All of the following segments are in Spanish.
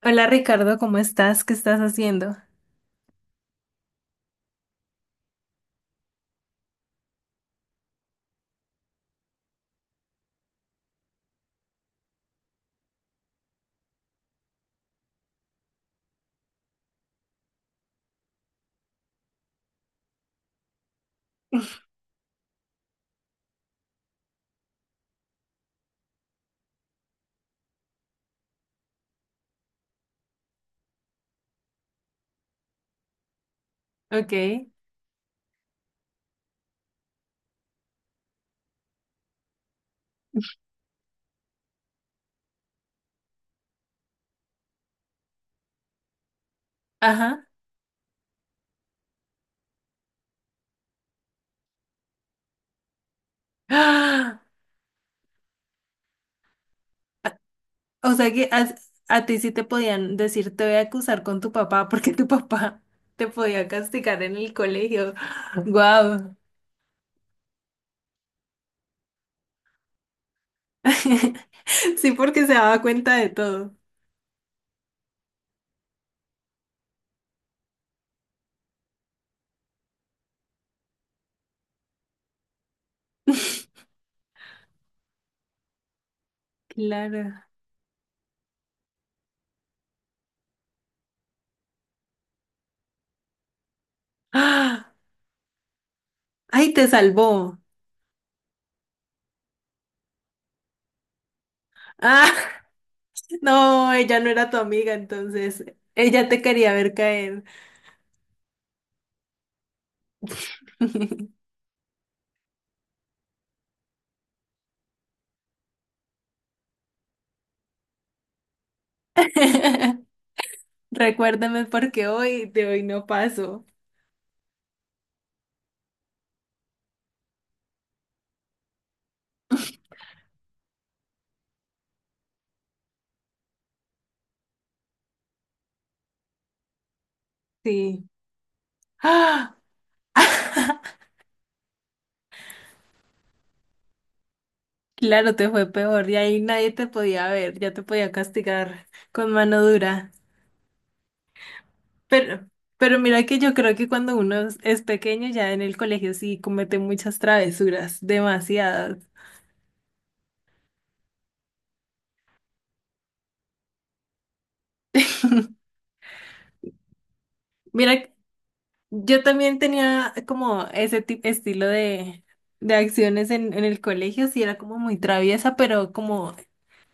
Hola Ricardo, ¿cómo estás? ¿Qué estás haciendo? Ok, ajá. ¡Ah! O sea que a ti sí te podían decir, te voy a acusar con tu papá porque tu papá te podía castigar en el colegio. ¡Guau! Sí, porque se daba cuenta de todo. Claro. ¡Ah! ¡Ay, te salvó! ¡Ah! No, ella no era tu amiga, entonces ella te quería ver caer. Recuérdame porque hoy de hoy no paso. Sí. ¡Ah! Claro, te fue peor y ahí nadie te podía ver, ya te podía castigar con mano dura. Pero, pero mira que yo creo que cuando uno es pequeño ya en el colegio sí comete muchas travesuras, demasiadas. Mira, yo también tenía como ese tipo, estilo de acciones en el colegio, sí era como muy traviesa, pero como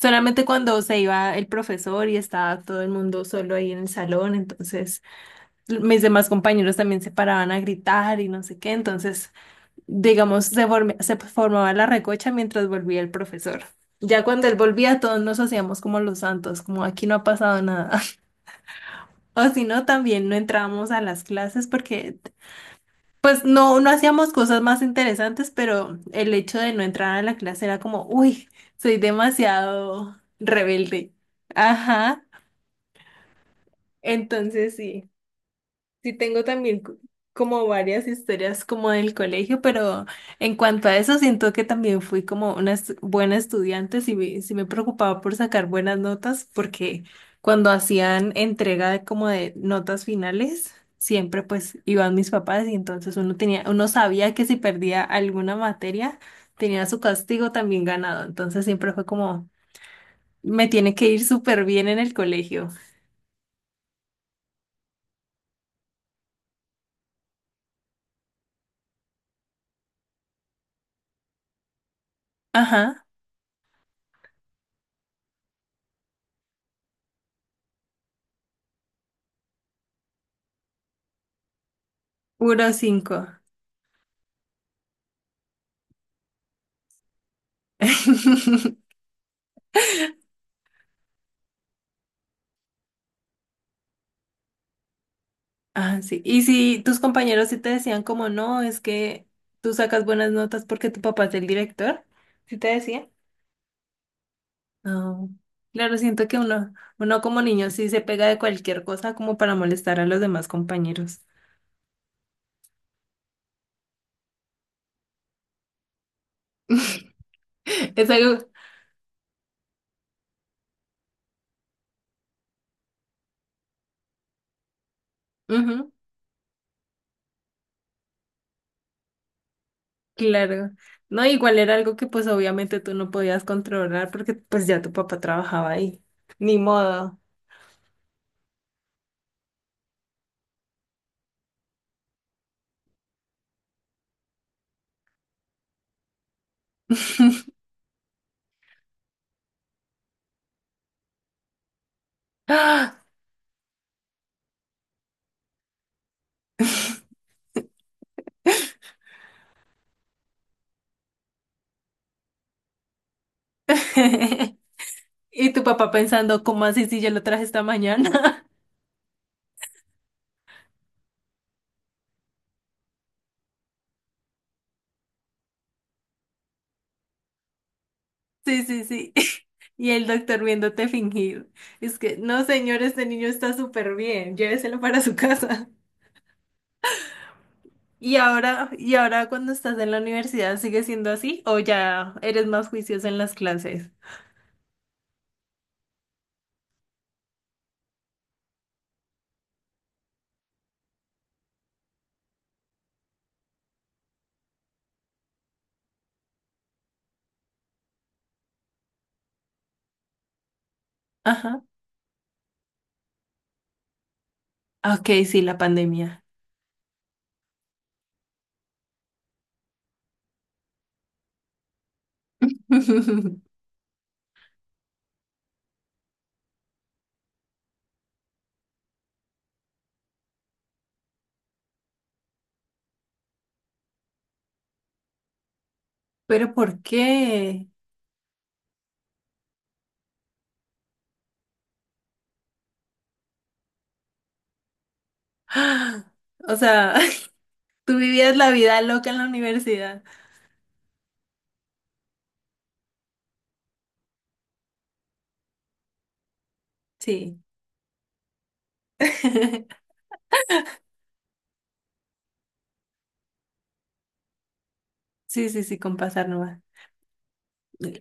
solamente cuando se iba el profesor y estaba todo el mundo solo ahí en el salón, entonces mis demás compañeros también se paraban a gritar y no sé qué, entonces, digamos, se formaba la recocha mientras volvía el profesor. Ya cuando él volvía, todos nos hacíamos como los santos, como aquí no ha pasado nada. O si no, también no entrábamos a las clases porque, pues, no, no hacíamos cosas más interesantes, pero el hecho de no entrar a la clase era como, uy, soy demasiado rebelde. Ajá. Entonces, sí. Sí, tengo también como varias historias como del colegio, pero en cuanto a eso siento que también fui como una buena estudiante, sí, sí me preocupaba por sacar buenas notas, porque cuando hacían entrega como de notas finales, siempre pues iban mis papás y entonces uno tenía, uno sabía que si perdía alguna materia, tenía su castigo también ganado, entonces siempre fue como, me tiene que ir súper bien en el colegio. Ajá, puro 5. Ah, sí. Y si tus compañeros sí te decían como no, es que tú sacas buenas notas porque tu papá es el director, ¿sí te decían? No, claro, siento que uno, uno como niño sí se pega de cualquier cosa como para molestar a los demás compañeros. Es algo, ujú, claro. No, igual era algo que pues obviamente tú no podías controlar porque pues ya tu papá trabajaba ahí. Ni modo. ¡Ah! Y tu papá pensando, ¿cómo así si yo lo traje esta mañana? Sí, sí, sí. Y el doctor viéndote fingir. Es que, no, señor, este niño está súper bien, lléveselo para su casa. Y ahora cuando estás en la universidad, ¿sigue siendo así o ya eres más juiciosa en las clases? Ajá. Ok, sí, la pandemia. Pero ¿por qué? O sea, tú vivías la vida loca en la universidad. Sí. Sí, sí, sí, con pasar nomás.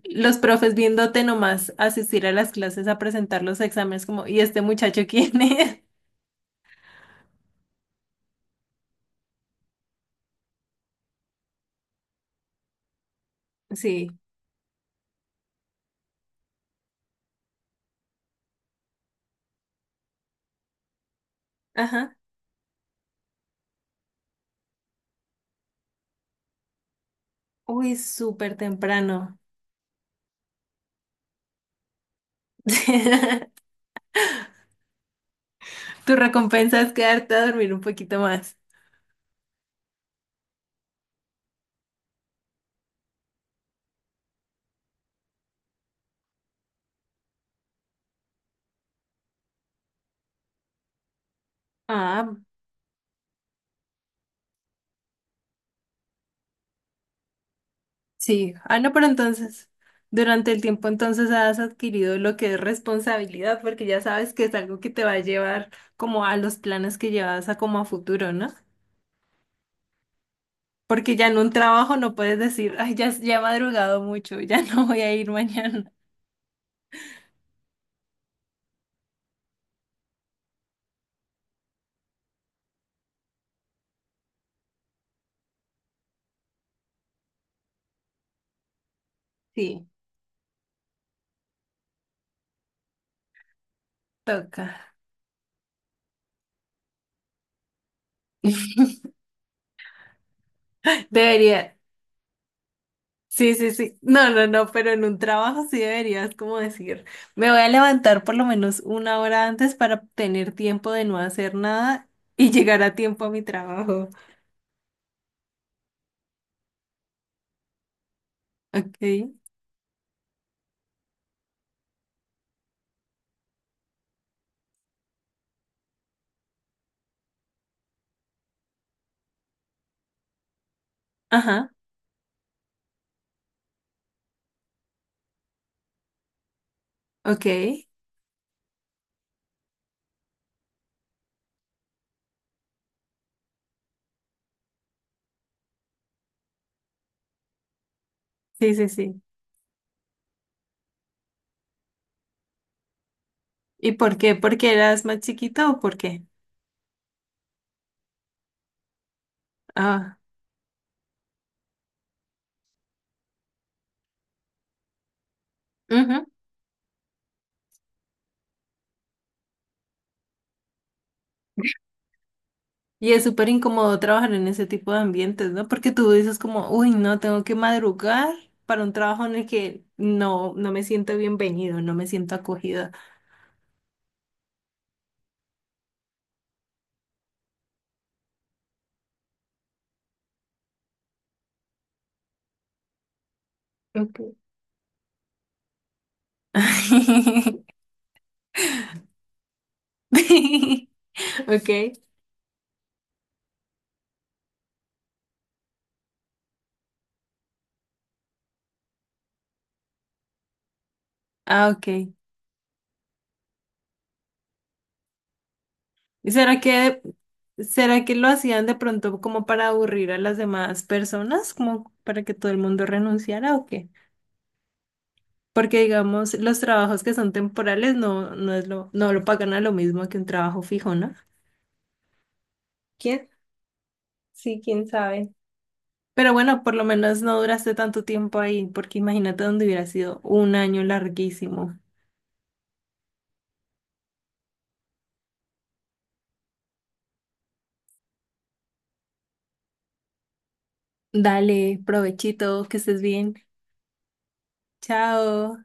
Los profes viéndote nomás asistir a las clases a presentar los exámenes, como, ¿y este muchacho quién es? Sí, ajá. Uy, súper temprano. Tu recompensa es quedarte a dormir un poquito más. Ah, sí. Ah, no, pero entonces, durante el tiempo entonces has adquirido lo que es responsabilidad, porque ya sabes que es algo que te va a llevar como a los planes que llevas a como a futuro, ¿no? Porque ya en un trabajo no puedes decir, ay, ya, ya he madrugado mucho, ya no voy a ir mañana. Sí, toca. Debería. Sí, sí, sí. No, no, no, pero en un trabajo sí deberías como decir, me voy a levantar por lo menos una hora antes para tener tiempo de no hacer nada y llegar a tiempo a mi trabajo. Ok. Ajá. Ok. Sí, sí, sí. ¿Y por qué? ¿Porque eras más chiquito o por qué? Ah. Y es súper incómodo trabajar en ese tipo de ambientes, ¿no? Porque tú dices como, uy, no, tengo que madrugar para un trabajo en el que no, no me siento bienvenido, no me siento acogida. Okay, okay. Ah, okay. ¿Y será que lo hacían de pronto como para aburrir a las demás personas, como para que todo el mundo renunciara o qué? Porque digamos, los trabajos que son temporales no, no es lo, no lo pagan a lo mismo que un trabajo fijo, ¿no? Sí, quién sabe. Pero bueno, por lo menos no duraste tanto tiempo ahí, porque imagínate donde hubiera sido un año larguísimo. Dale, provechito, que estés bien. Chao.